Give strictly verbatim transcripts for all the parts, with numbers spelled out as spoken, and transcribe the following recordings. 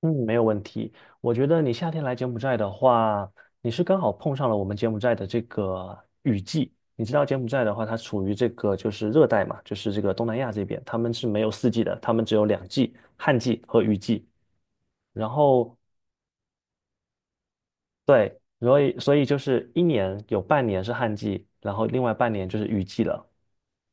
嗯，没有问题。我觉得你夏天来柬埔寨的话，你是刚好碰上了我们柬埔寨的这个雨季。你知道柬埔寨的话，它处于这个就是热带嘛，就是这个东南亚这边，他们是没有四季的，他们只有两季，旱季和雨季。然后对，所以所以就是一年有半年是旱季，然后另外半年就是雨季了。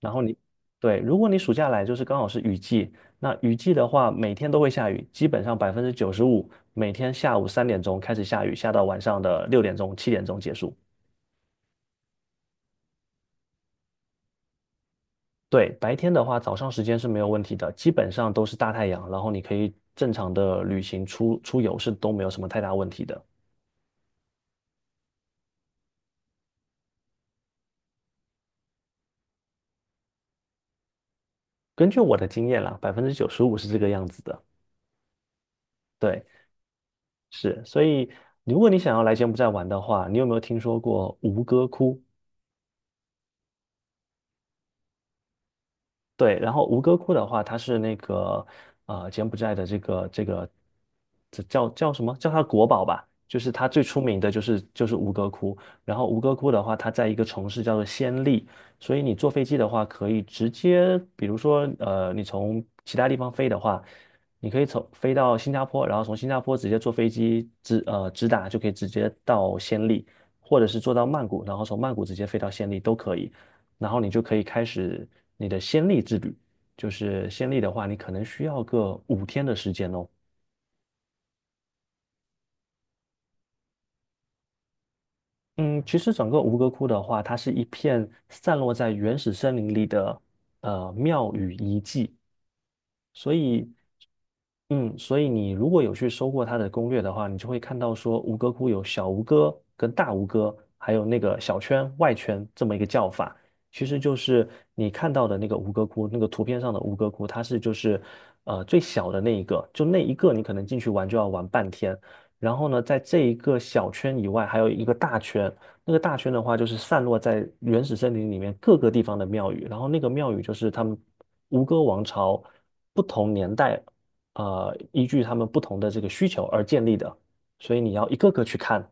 然后你，对，如果你暑假来就是刚好是雨季，那雨季的话每天都会下雨，基本上百分之九十五每天下午三点钟开始下雨，下到晚上的六点钟、七点钟结束。对，白天的话早上时间是没有问题的，基本上都是大太阳，然后你可以正常的旅行出出游是都没有什么太大问题的。根据我的经验啦，百分之九十五是这个样子的。对，是，所以如果你想要来柬埔寨玩的话，你有没有听说过吴哥窟？对，然后吴哥窟的话，它是那个呃柬埔寨的这个这个这叫叫什么？叫它国宝吧，就是它最出名的就是就是吴哥窟。然后吴哥窟的话，它在一个城市叫做暹粒，所以你坐飞机的话，可以直接，比如说呃，你从其他地方飞的话，你可以从飞到新加坡，然后从新加坡直接坐飞机直呃直达就可以直接到暹粒，或者是坐到曼谷，然后从曼谷直接飞到暹粒都可以。然后你就可以开始你的先例之旅。就是先例的话，你可能需要个五天的时间哦。嗯，其实整个吴哥窟的话，它是一片散落在原始森林里的呃庙宇遗迹，所以，嗯，所以你如果有去搜过它的攻略的话，你就会看到说吴哥窟有小吴哥跟大吴哥，还有那个小圈、外圈这么一个叫法，其实就是你看到的那个吴哥窟，那个图片上的吴哥窟，它是就是呃最小的那一个，就那一个你可能进去玩就要玩半天。然后呢，在这一个小圈以外，还有一个大圈。那个大圈的话，就是散落在原始森林里面各个地方的庙宇。然后那个庙宇就是他们吴哥王朝不同年代，呃，依据他们不同的这个需求而建立的。所以你要一个个去看。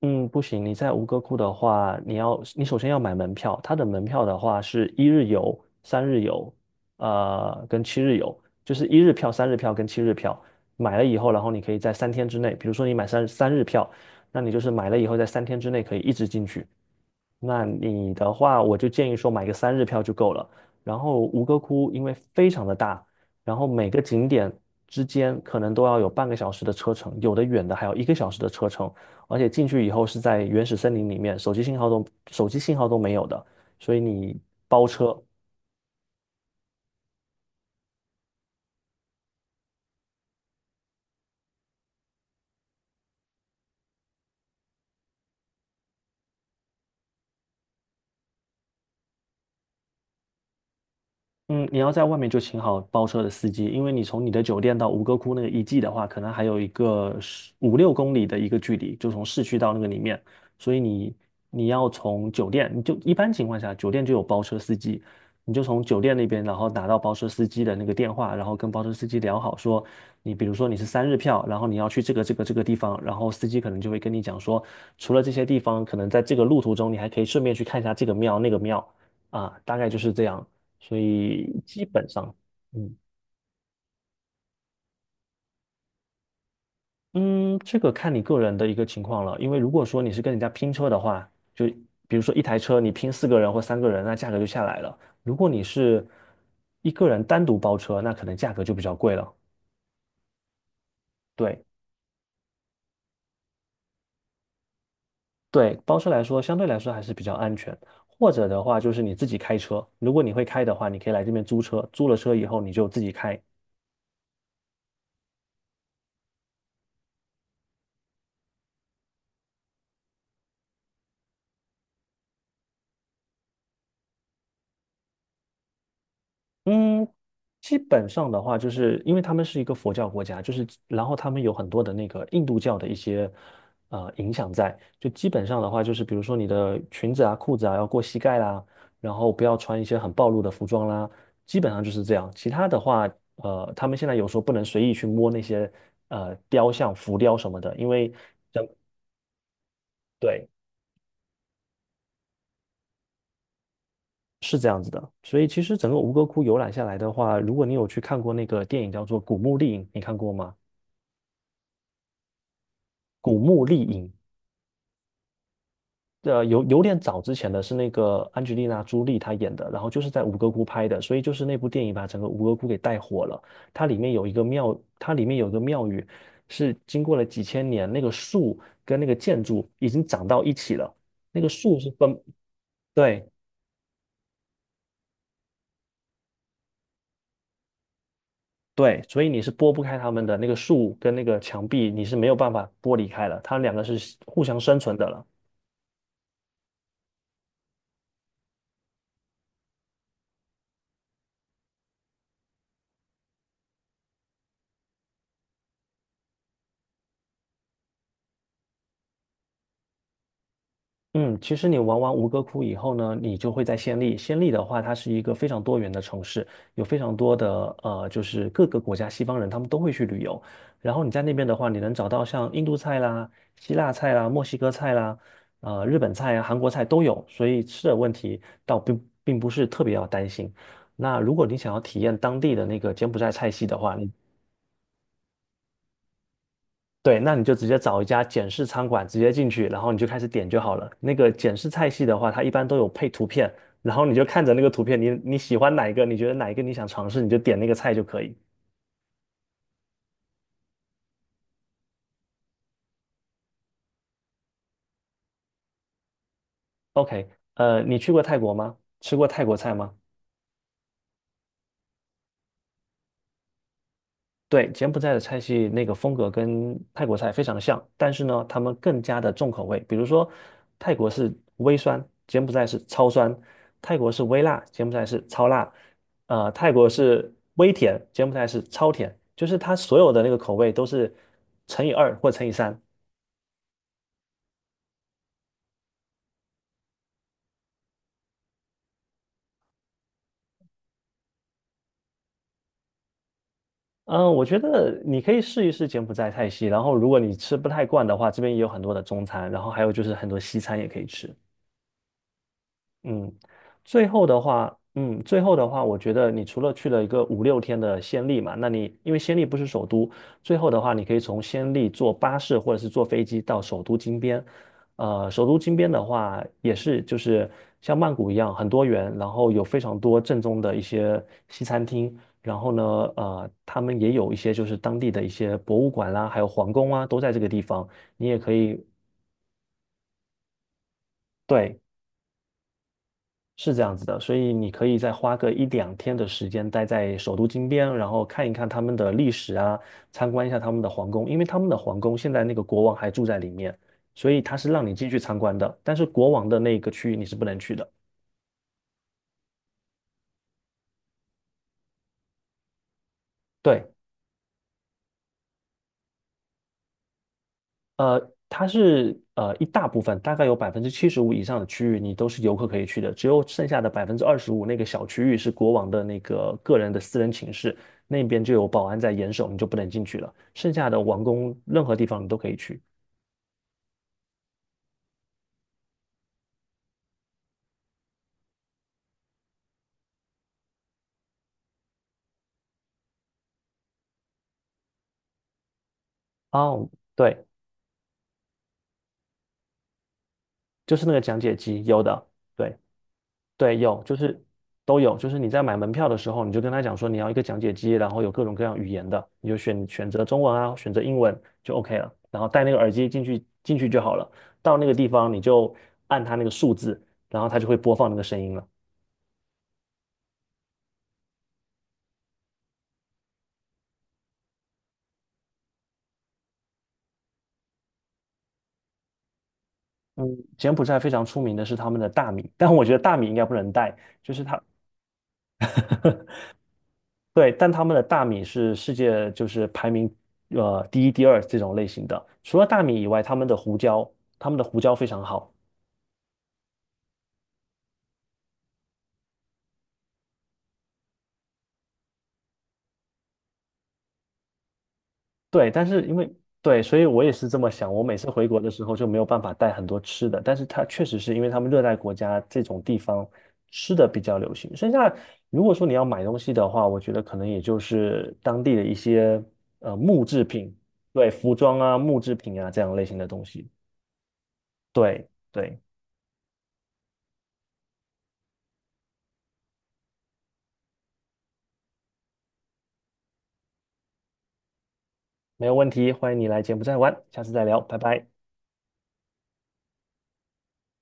嗯，不行，你在吴哥窟的话，你要你首先要买门票，它的门票的话是一日游、三日游，呃，跟七日游，就是一日票、三日票跟七日票。买了以后，然后你可以在三天之内，比如说你买三三日票，那你就是买了以后在三天之内可以一直进去。那你的话，我就建议说买个三日票就够了。然后吴哥窟因为非常的大，然后每个景点之间可能都要有半个小时的车程，有的远的还有一个小时的车程。而且进去以后是在原始森林里面，手机信号都手机信号都没有的，所以你包车。嗯，你要在外面就请好包车的司机，因为你从你的酒店到吴哥窟那个遗迹的话，可能还有一个十五六公里的一个距离，就从市区到那个里面，所以你你要从酒店，你就一般情况下酒店就有包车司机，你就从酒店那边，然后打到包车司机的那个电话，然后跟包车司机聊好说，你比如说你是三日票，然后你要去这个这个这个地方，然后司机可能就会跟你讲说，除了这些地方，可能在这个路途中你还可以顺便去看一下这个庙那个庙。啊，大概就是这样。所以基本上，嗯嗯，这个看你个人的一个情况了。因为如果说你是跟人家拼车的话，就比如说一台车你拼四个人或三个人，那价格就下来了。如果你是一个人单独包车，那可能价格就比较贵了。对对，包车来说相对来说还是比较安全。或者的话就是你自己开车，如果你会开的话，你可以来这边租车，租了车以后你就自己开。嗯，基本上的话，就是因为他们是一个佛教国家，就是然后他们有很多的那个印度教的一些呃影响在，就基本上的话，就是比如说你的裙子啊、裤子啊要过膝盖啦，然后不要穿一些很暴露的服装啦，基本上就是这样。其他的话，呃，他们现在有时候不能随意去摸那些呃雕像、浮雕什么的，因为对是这样子的。所以其实整个吴哥窟游览下来的话，如果你有去看过那个电影叫做《古墓丽影》，你看过吗？《古墓丽影》呃，有有点早之前的是那个安吉丽娜·朱莉她演的，然后就是在吴哥窟拍的，所以就是那部电影把整个吴哥窟给带火了。它里面有一个庙，它里面有一个庙宇是经过了几千年，那个树跟那个建筑已经长到一起了。那个树是分，对对，所以你是拨不开它们的，那个树跟那个墙壁你是没有办法剥离开了，它们两个是互相生存的了。嗯，其实你玩完吴哥窟以后呢，你就会在暹粒。暹粒的话，它是一个非常多元的城市，有非常多的，呃，就是各个国家西方人他们都会去旅游。然后你在那边的话，你能找到像印度菜啦、希腊菜啦、墨西哥菜啦、呃日本菜啊、韩国菜都有，所以吃的问题倒并并不是特别要担心。那如果你想要体验当地的那个柬埔寨菜系的话，你。对，那你就直接找一家简式餐馆，直接进去，然后你就开始点就好了。那个简式菜系的话，它一般都有配图片，然后你就看着那个图片，你你喜欢哪一个，你觉得哪一个你想尝试，你就点那个菜就可以。OK,呃，你去过泰国吗？吃过泰国菜吗？对，柬埔寨的菜系那个风格跟泰国菜非常的像，但是呢，他们更加的重口味。比如说，泰国是微酸，柬埔寨是超酸；泰国是微辣，柬埔寨是超辣；呃，泰国是微甜，柬埔寨是超甜。就是它所有的那个口味都是乘以二或乘以三。嗯，呃我觉得你可以试一试柬埔寨菜系，然后如果你吃不太惯的话，这边也有很多的中餐，然后还有就是很多西餐也可以吃。嗯，最后的话，嗯，最后的话，我觉得你除了去了一个五六天的暹粒嘛，那你因为暹粒不是首都，最后的话，你可以从暹粒坐巴士或者是坐飞机到首都金边。呃，首都金边的话，也是就是像曼谷一样很多元，然后有非常多正宗的一些西餐厅，然后呢，呃，他们也有一些就是当地的一些博物馆啦，还有皇宫啊，都在这个地方，你也可以。对，是这样子的，所以你可以再花个一两天的时间待在首都金边，然后看一看他们的历史啊，参观一下他们的皇宫，因为他们的皇宫现在那个国王还住在里面，所以他是让你进去参观的，但是国王的那个区域你是不能去的。对，呃，它是呃一大部分，大概有百分之七十五以上的区域你都是游客可以去的，只有剩下的百分之二十五那个小区域是国王的那个个人的私人寝室，那边就有保安在严守，你就不能进去了。剩下的王宫任何地方你都可以去。哦，对，就是那个讲解机，有的。对，对，有，就是都有，就是你在买门票的时候，你就跟他讲说你要一个讲解机，然后有各种各样语言的，你就选选择中文啊，选择英文就 OK 了，然后戴那个耳机进去进去就好了。到那个地方你就按它那个数字，然后它就会播放那个声音了。嗯，柬埔寨非常出名的是他们的大米，但我觉得大米应该不能带，就是它，对，但他们的大米是世界就是排名呃第一、第二这种类型的。除了大米以外，他们的胡椒，他们的胡椒非常好。对，但是因为对，所以我也是这么想。我每次回国的时候就没有办法带很多吃的，但是它确实是因为他们热带国家这种地方吃的比较流行。剩下如果说你要买东西的话，我觉得可能也就是当地的一些呃木制品，对，服装啊、木制品啊这样类型的东西。对对，没有问题，欢迎你来柬埔寨玩，下次再聊，拜拜。